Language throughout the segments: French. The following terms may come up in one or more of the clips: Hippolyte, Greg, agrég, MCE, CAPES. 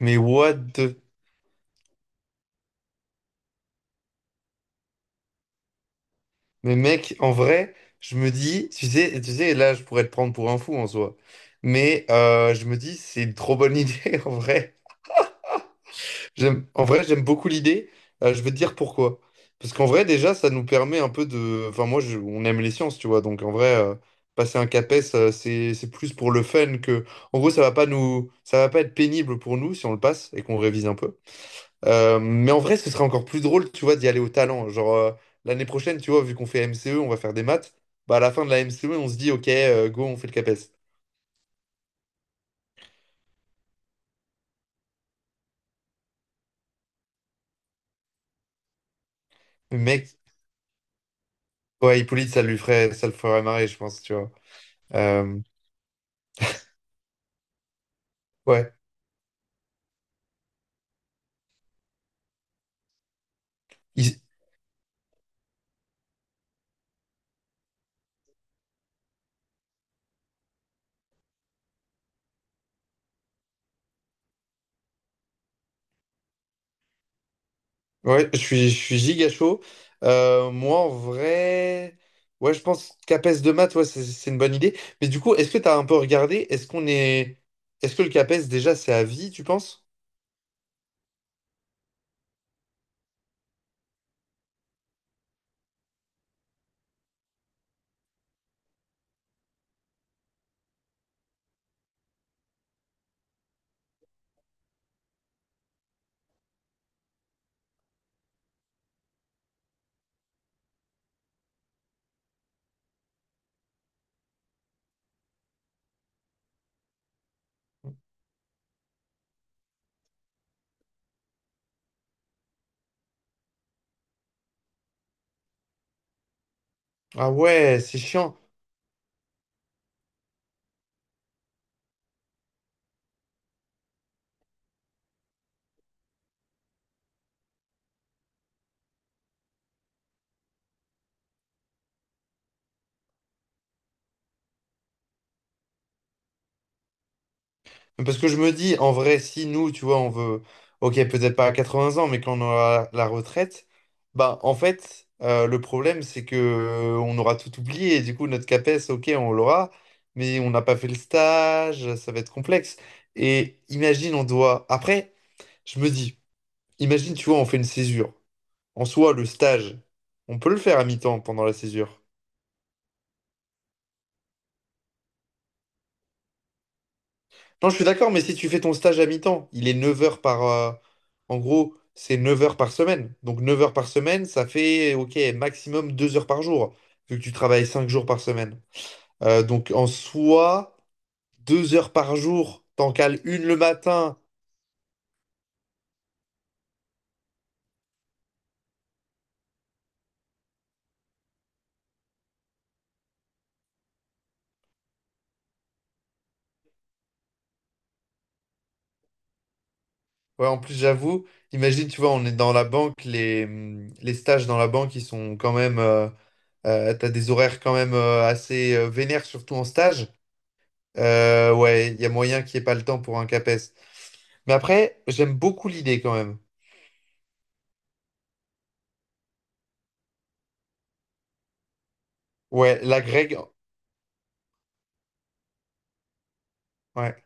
Mais what the... Mais mec, en vrai, je me dis, tu sais, là, je pourrais te prendre pour un fou en soi. Mais je me dis, c'est une trop bonne idée, en vrai. J'aime, en vrai, j'aime beaucoup l'idée. Je veux te dire pourquoi. Parce qu'en vrai, déjà, ça nous permet un peu de... Enfin, moi, on aime les sciences, tu vois. Donc, en vrai, passer un CAPES, c'est plus pour le fun que... En gros, ça va pas nous... ça va pas être pénible pour nous si on le passe et qu'on révise un peu. Mais en vrai, ce serait encore plus drôle, tu vois, d'y aller au talent. Genre, l'année prochaine, tu vois, vu qu'on fait MCE, on va faire des maths. Bah, à la fin de la MCE, on se dit, OK, go, on fait le CAPES. Mais Mec, ouais, Hippolyte, ça lui ferait, ça le ferait marrer, je pense, tu vois. Euh, ouais. Il- ouais, je suis giga chaud. Moi, en vrai, ouais, je pense CAPES de maths, ouais, c'est une bonne idée. Mais du coup, est-ce que t'as un peu regardé? Est-ce qu'on est. Est-ce que le CAPES, déjà, c'est à vie, tu penses? Ah ouais, c'est chiant. Parce que je me dis, en vrai, si nous, tu vois, on veut, ok, peut-être pas à 80 ans, mais quand on aura la retraite, bah, en fait, le problème, c'est que on aura tout oublié. Et du coup, notre CAPES, ok, on l'aura, mais on n'a pas fait le stage, ça va être complexe. Et imagine, on doit. Après, je me dis, imagine, tu vois, on fait une césure. En soi, le stage, on peut le faire à mi-temps pendant la césure. Non, je suis d'accord, mais si tu fais ton stage à mi-temps, il est 9 heures par... en gros, c'est 9 heures par semaine. Donc 9 heures par semaine, ça fait, ok, maximum 2 heures par jour, vu que tu travailles 5 jours par semaine. Donc en soi, 2 heures par jour, t'en cales une le matin. Ouais, en plus, j'avoue, imagine, tu vois, on est dans la banque, les stages dans la banque, ils sont quand même... t'as des horaires quand même assez vénères, surtout en stage. Ouais, il y a moyen qu'il n'y ait pas le temps pour un CAPES. Mais après, j'aime beaucoup l'idée quand même. Ouais, la Greg, ouais.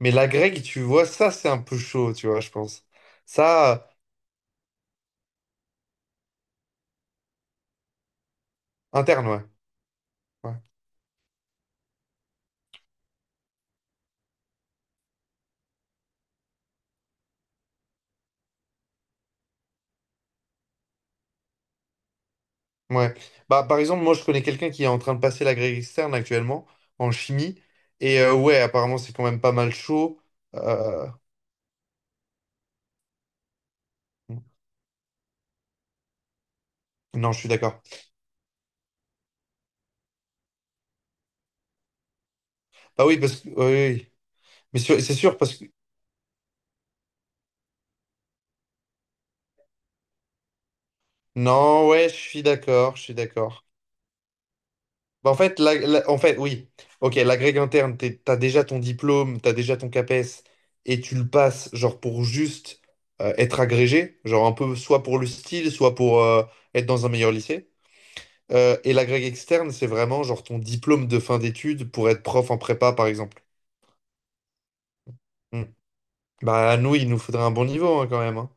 Mais la Greg, tu vois, ça, c'est un peu chaud, tu vois, je pense. Ça, interne, ouais. Ouais. Ouais. Bah, par exemple, moi, je connais quelqu'un qui est en train de passer la Greg externe actuellement, en chimie. Et ouais, apparemment, c'est quand même pas mal chaud. Euh, Non, je suis d'accord. Bah oui, parce que... Oui, oui, oui. Mais c'est sûr, parce que... Non, ouais, je suis d'accord, je suis d'accord. Bah, en fait, en fait, oui. Ok, l'agrég interne, t'as déjà ton diplôme, t'as déjà ton CAPES, et tu le passes, genre, pour juste être agrégé, genre un peu soit pour le style, soit pour être dans un meilleur lycée. Et l'agrég externe, c'est vraiment, genre, ton diplôme de fin d'études pour être prof en prépa, par exemple. Hmm. Bah, nous, il nous faudrait un bon niveau, hein, quand même, hein.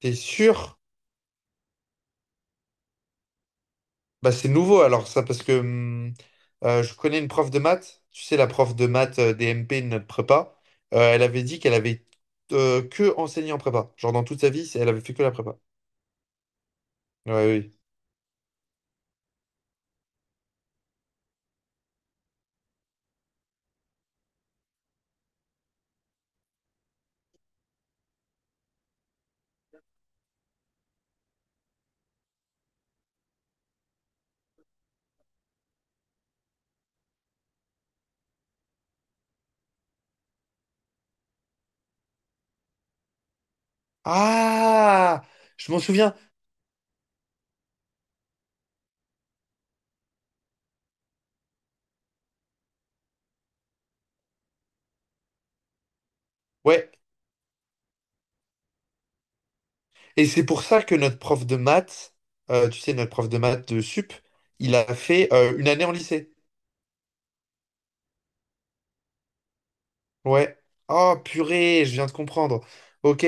T'es sûr? Bah, c'est nouveau alors ça parce que je connais une prof de maths, tu sais la prof de maths des MP de notre prépa, elle avait dit qu'elle avait que enseigné en prépa, genre dans toute sa vie elle avait fait que la prépa. Ouais, oui. Ah, je m'en souviens. Ouais. Et c'est pour ça que notre prof de maths, tu sais notre prof de maths de sup, il a fait une année en lycée. Ouais. Oh purée, je viens de comprendre. Ok.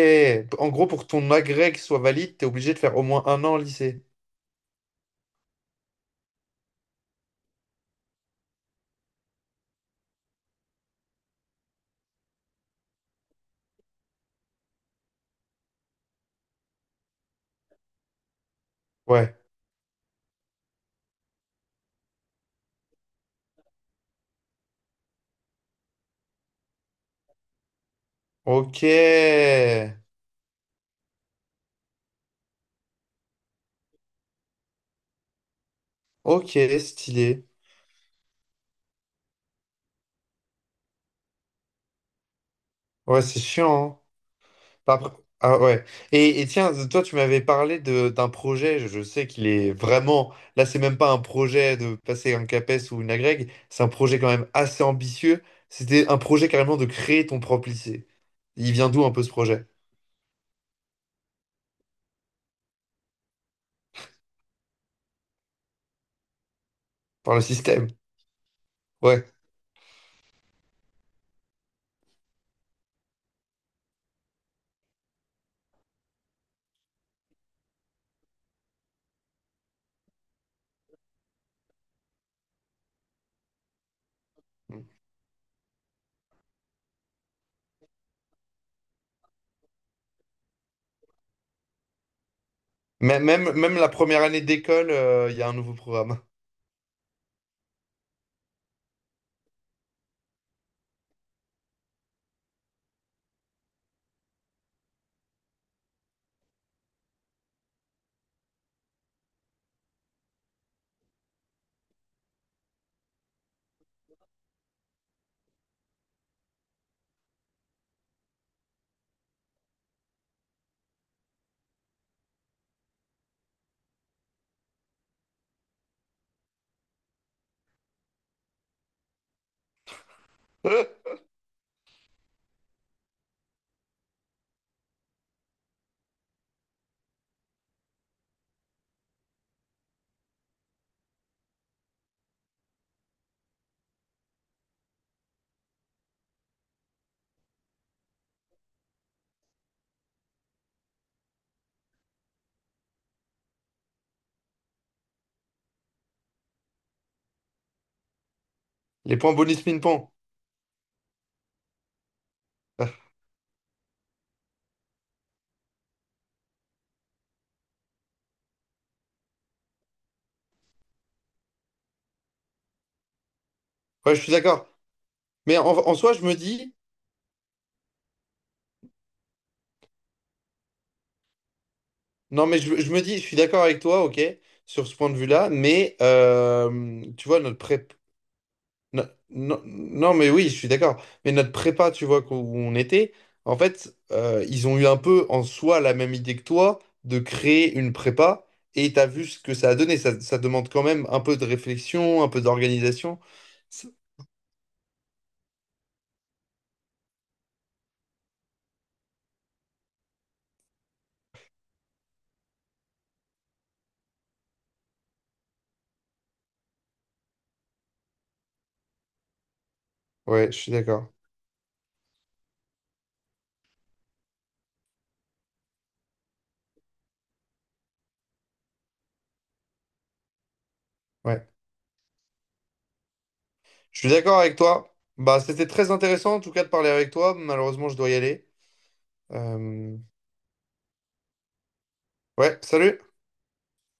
En gros, pour que ton agrég soit valide, t'es obligé de faire au moins un an en lycée. Ouais. Ok, ok, stylé. Ouais, c'est chiant, hein. Pas pr- Ah ouais. Et tiens, toi, tu m'avais parlé de d'un projet. Je sais qu'il est vraiment. Là, c'est même pas un projet de passer un CAPES ou une agrég. C'est un projet quand même assez ambitieux. C'était un projet carrément de créer ton propre lycée. Il vient d'où un peu ce projet? Par le système. Ouais. Même la première année d'école, il y a un nouveau programme. Les points bonus ping-pong. Ah, ouais, je suis d'accord. Mais en soi, je me dis. Non, mais je me dis, je suis d'accord avec toi, ok, sur ce point de vue-là, mais tu vois, notre prépa. No- Non, mais oui, je suis d'accord. Mais notre prépa, tu vois, où on était, en fait, ils ont eu un peu en soi la même idée que toi de créer une prépa et t'as vu ce que ça a donné. Ça demande quand même un peu de réflexion, un peu d'organisation. C'est- Ouais, je suis d'accord. Ouais. Je suis d'accord avec toi. Bah, c'était très intéressant en tout cas de parler avec toi. Malheureusement, je dois y aller. Euh, Ouais, salut!